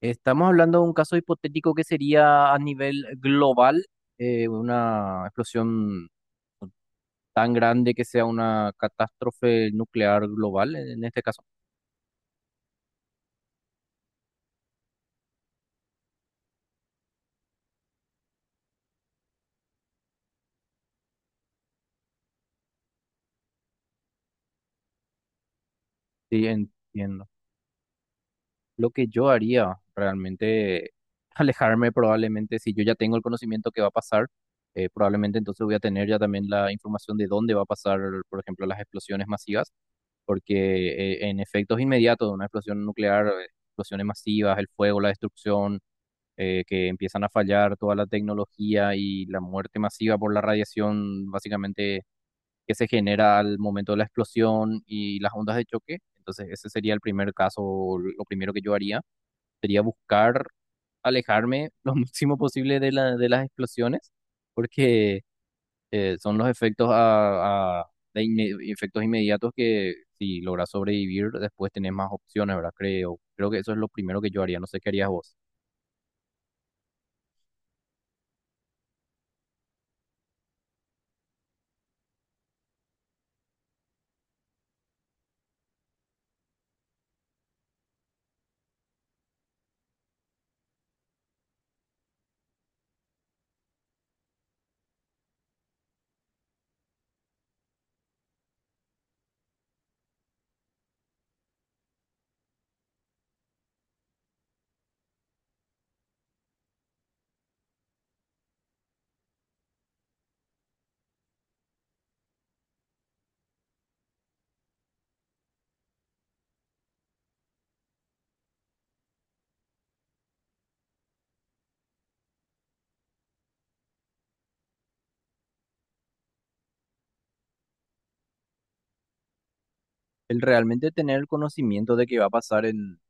Estamos hablando de un caso hipotético que sería a nivel global, una explosión tan grande que sea una catástrofe nuclear global en este caso. Sí, entiendo. Lo que yo haría realmente, alejarme probablemente, si yo ya tengo el conocimiento que va a pasar, probablemente entonces voy a tener ya también la información de dónde va a pasar, por ejemplo, las explosiones masivas, porque en efectos inmediatos de una explosión nuclear, explosiones masivas, el fuego, la destrucción que empiezan a fallar toda la tecnología y la muerte masiva por la radiación, básicamente, que se genera al momento de la explosión y las ondas de choque. Entonces, ese sería el primer caso, lo primero que yo haría, sería buscar alejarme lo máximo posible de de las explosiones, porque son los efectos efectos inmediatos que si logras sobrevivir, después tenés más opciones, ¿verdad? Creo que eso es lo primero que yo haría, no sé qué harías vos. El realmente tener el conocimiento de que va a pasar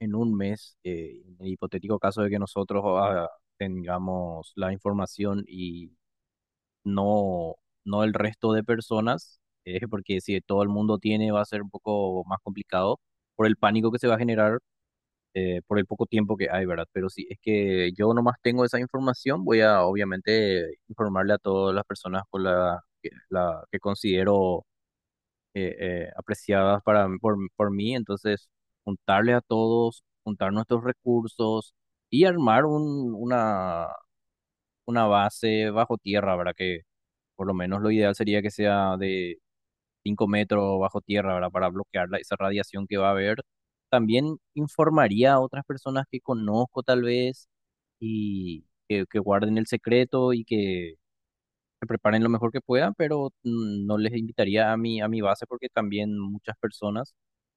en un mes, en el hipotético caso de que nosotros tengamos la información y no, no el resto de personas, porque si todo el mundo tiene va a ser un poco más complicado por el pánico que se va a generar, por el poco tiempo que hay, ¿verdad? Pero si es que yo nomás tengo esa información, voy a obviamente informarle a todas las personas con la que considero eh, apreciadas por mí. Entonces, juntarle a todos, juntar nuestros recursos y armar una base bajo tierra, ¿verdad? Que por lo menos lo ideal sería que sea de 5 metros bajo tierra, ¿verdad? Para bloquear esa radiación que va a haber. También informaría a otras personas que conozco tal vez que guarden el secreto y que preparen lo mejor que puedan, pero no les invitaría a a mi base porque también muchas personas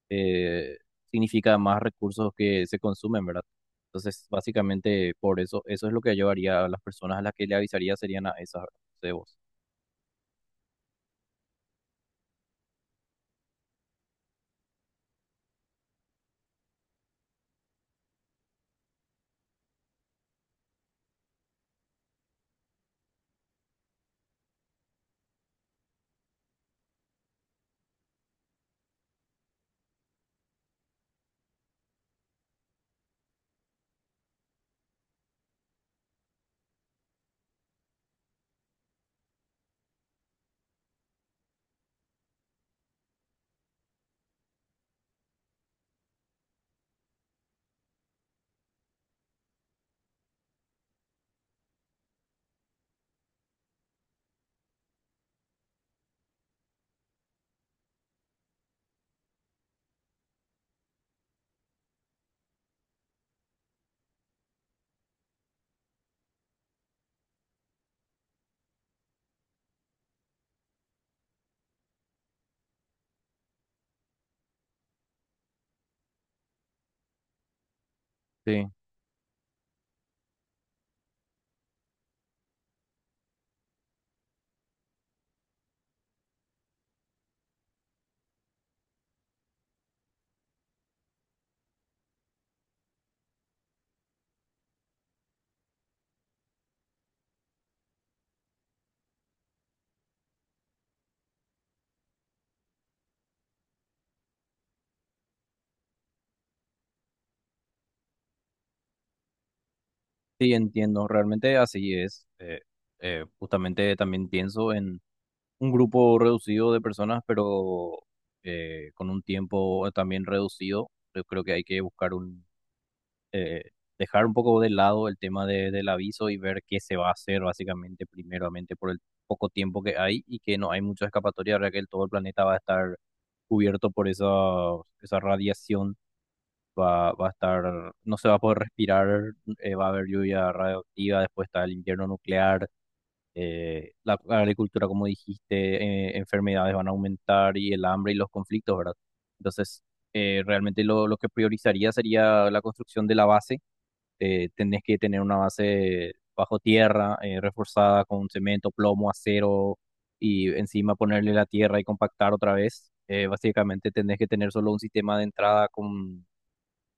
eh, significa más recursos que se consumen, ¿verdad? Entonces, básicamente por eso, eso es lo que yo haría a las personas a las que le avisaría serían a esas, ¿verdad? No sé vos. Sí, sí, entiendo, realmente así es. Justamente también pienso en un grupo reducido de personas, pero con un tiempo también reducido. Yo creo que hay que buscar un eh, dejar un poco de lado el tema del aviso y ver qué se va a hacer básicamente primeramente por el poco tiempo que hay y que no hay mucha escapatoria, ahora que todo el planeta va a estar cubierto por esa radiación, va a estar, no se va a poder respirar, va a haber lluvia radioactiva, después está el invierno nuclear, la agricultura, como dijiste, enfermedades van a aumentar y el hambre y los conflictos, ¿verdad? Entonces, realmente lo que priorizaría sería la construcción de la base. Tenés que tener una base bajo tierra, reforzada con cemento, plomo, acero y encima ponerle la tierra y compactar otra vez. Básicamente tenés que tener solo un sistema de entrada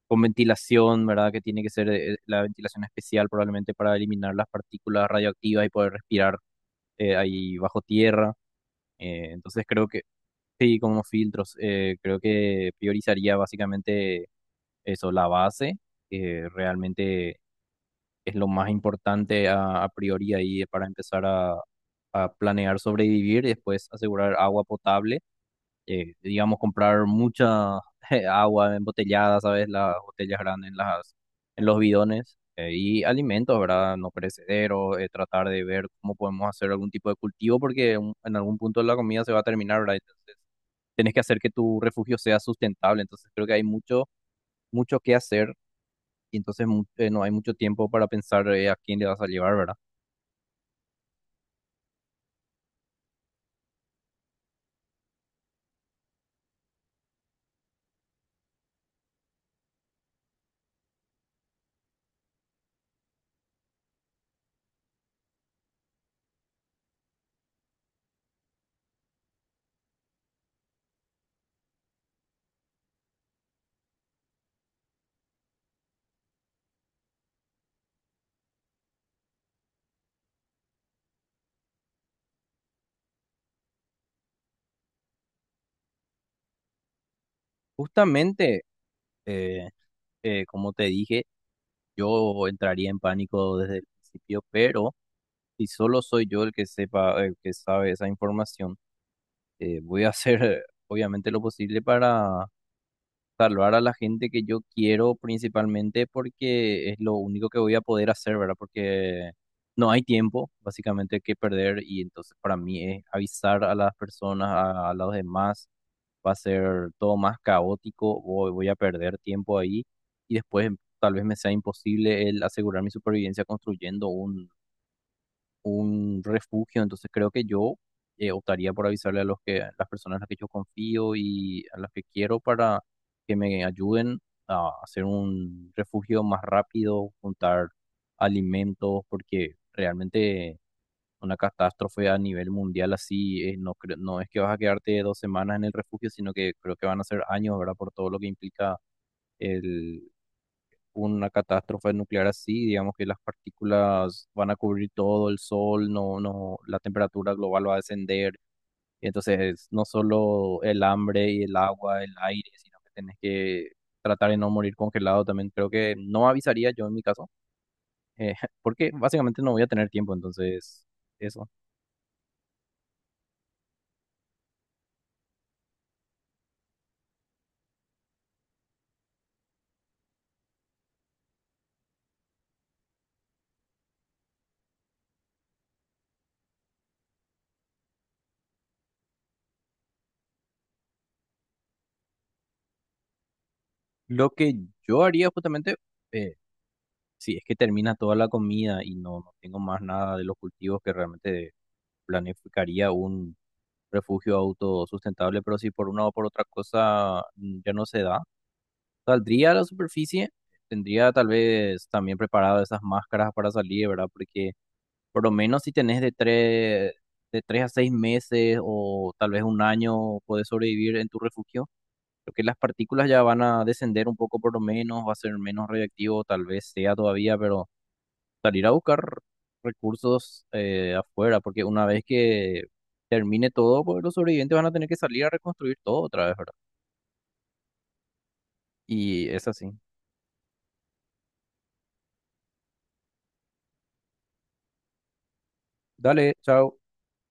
con ventilación, ¿verdad? Que tiene que ser la ventilación especial probablemente para eliminar las partículas radioactivas y poder respirar ahí bajo tierra. Eh, entonces creo que, sí, con unos filtros, creo que priorizaría básicamente eso, la base, que realmente es lo más importante a priori ahí para empezar a planear sobrevivir y después asegurar agua potable, digamos comprar mucha agua embotellada, ¿sabes? Las botellas grandes en en los bidones y alimentos, ¿verdad? No perecederos, tratar de ver cómo podemos hacer algún tipo de cultivo porque en algún punto la comida se va a terminar, ¿verdad? Entonces, tienes que hacer que tu refugio sea sustentable, entonces creo que hay mucho que hacer y entonces no hay mucho tiempo para pensar a quién le vas a llevar, ¿verdad? Justamente, eh, como te dije, yo entraría en pánico desde el principio, pero si solo soy yo el que sepa, el que sabe esa información, voy a hacer obviamente lo posible para salvar a la gente que yo quiero principalmente porque es lo único que voy a poder hacer, ¿verdad? Porque no hay tiempo básicamente que perder y entonces para mí es avisar a las personas, a los demás va a ser todo más caótico, voy a perder tiempo ahí y después tal vez me sea imposible el asegurar mi supervivencia construyendo un refugio. Entonces creo que yo optaría por avisarle a a las personas a las que yo confío y a las que quiero para que me ayuden a hacer un refugio más rápido, juntar alimentos, porque realmente una catástrofe a nivel mundial así, no es que vas a quedarte 2 semanas en el refugio, sino que creo que van a ser años, ¿verdad? Por todo lo que implica el, una catástrofe nuclear así, digamos que las partículas van a cubrir todo el sol, no, no, la temperatura global va a descender. Entonces, no solo el hambre y el agua, el aire, sino que tenés que tratar de no morir congelado también. Creo que no avisaría yo en mi caso, eh, porque básicamente no voy a tener tiempo, entonces, eso. Lo que yo haría justamente, eh, si es que termina toda la comida y no tengo más nada de los cultivos que realmente planificaría un refugio autosustentable, pero si por una o por otra cosa ya no se da, saldría a la superficie, tendría tal vez también preparado esas máscaras para salir, ¿verdad? Porque por lo menos si tenés de 3 a 6 meses o tal vez un año, podés sobrevivir en tu refugio lo que las partículas ya van a descender un poco por lo menos, va a ser menos radioactivo, tal vez sea todavía, pero salir a buscar recursos afuera, porque una vez que termine todo, pues los sobrevivientes van a tener que salir a reconstruir todo otra vez, ¿verdad? Y es así. Dale, chao.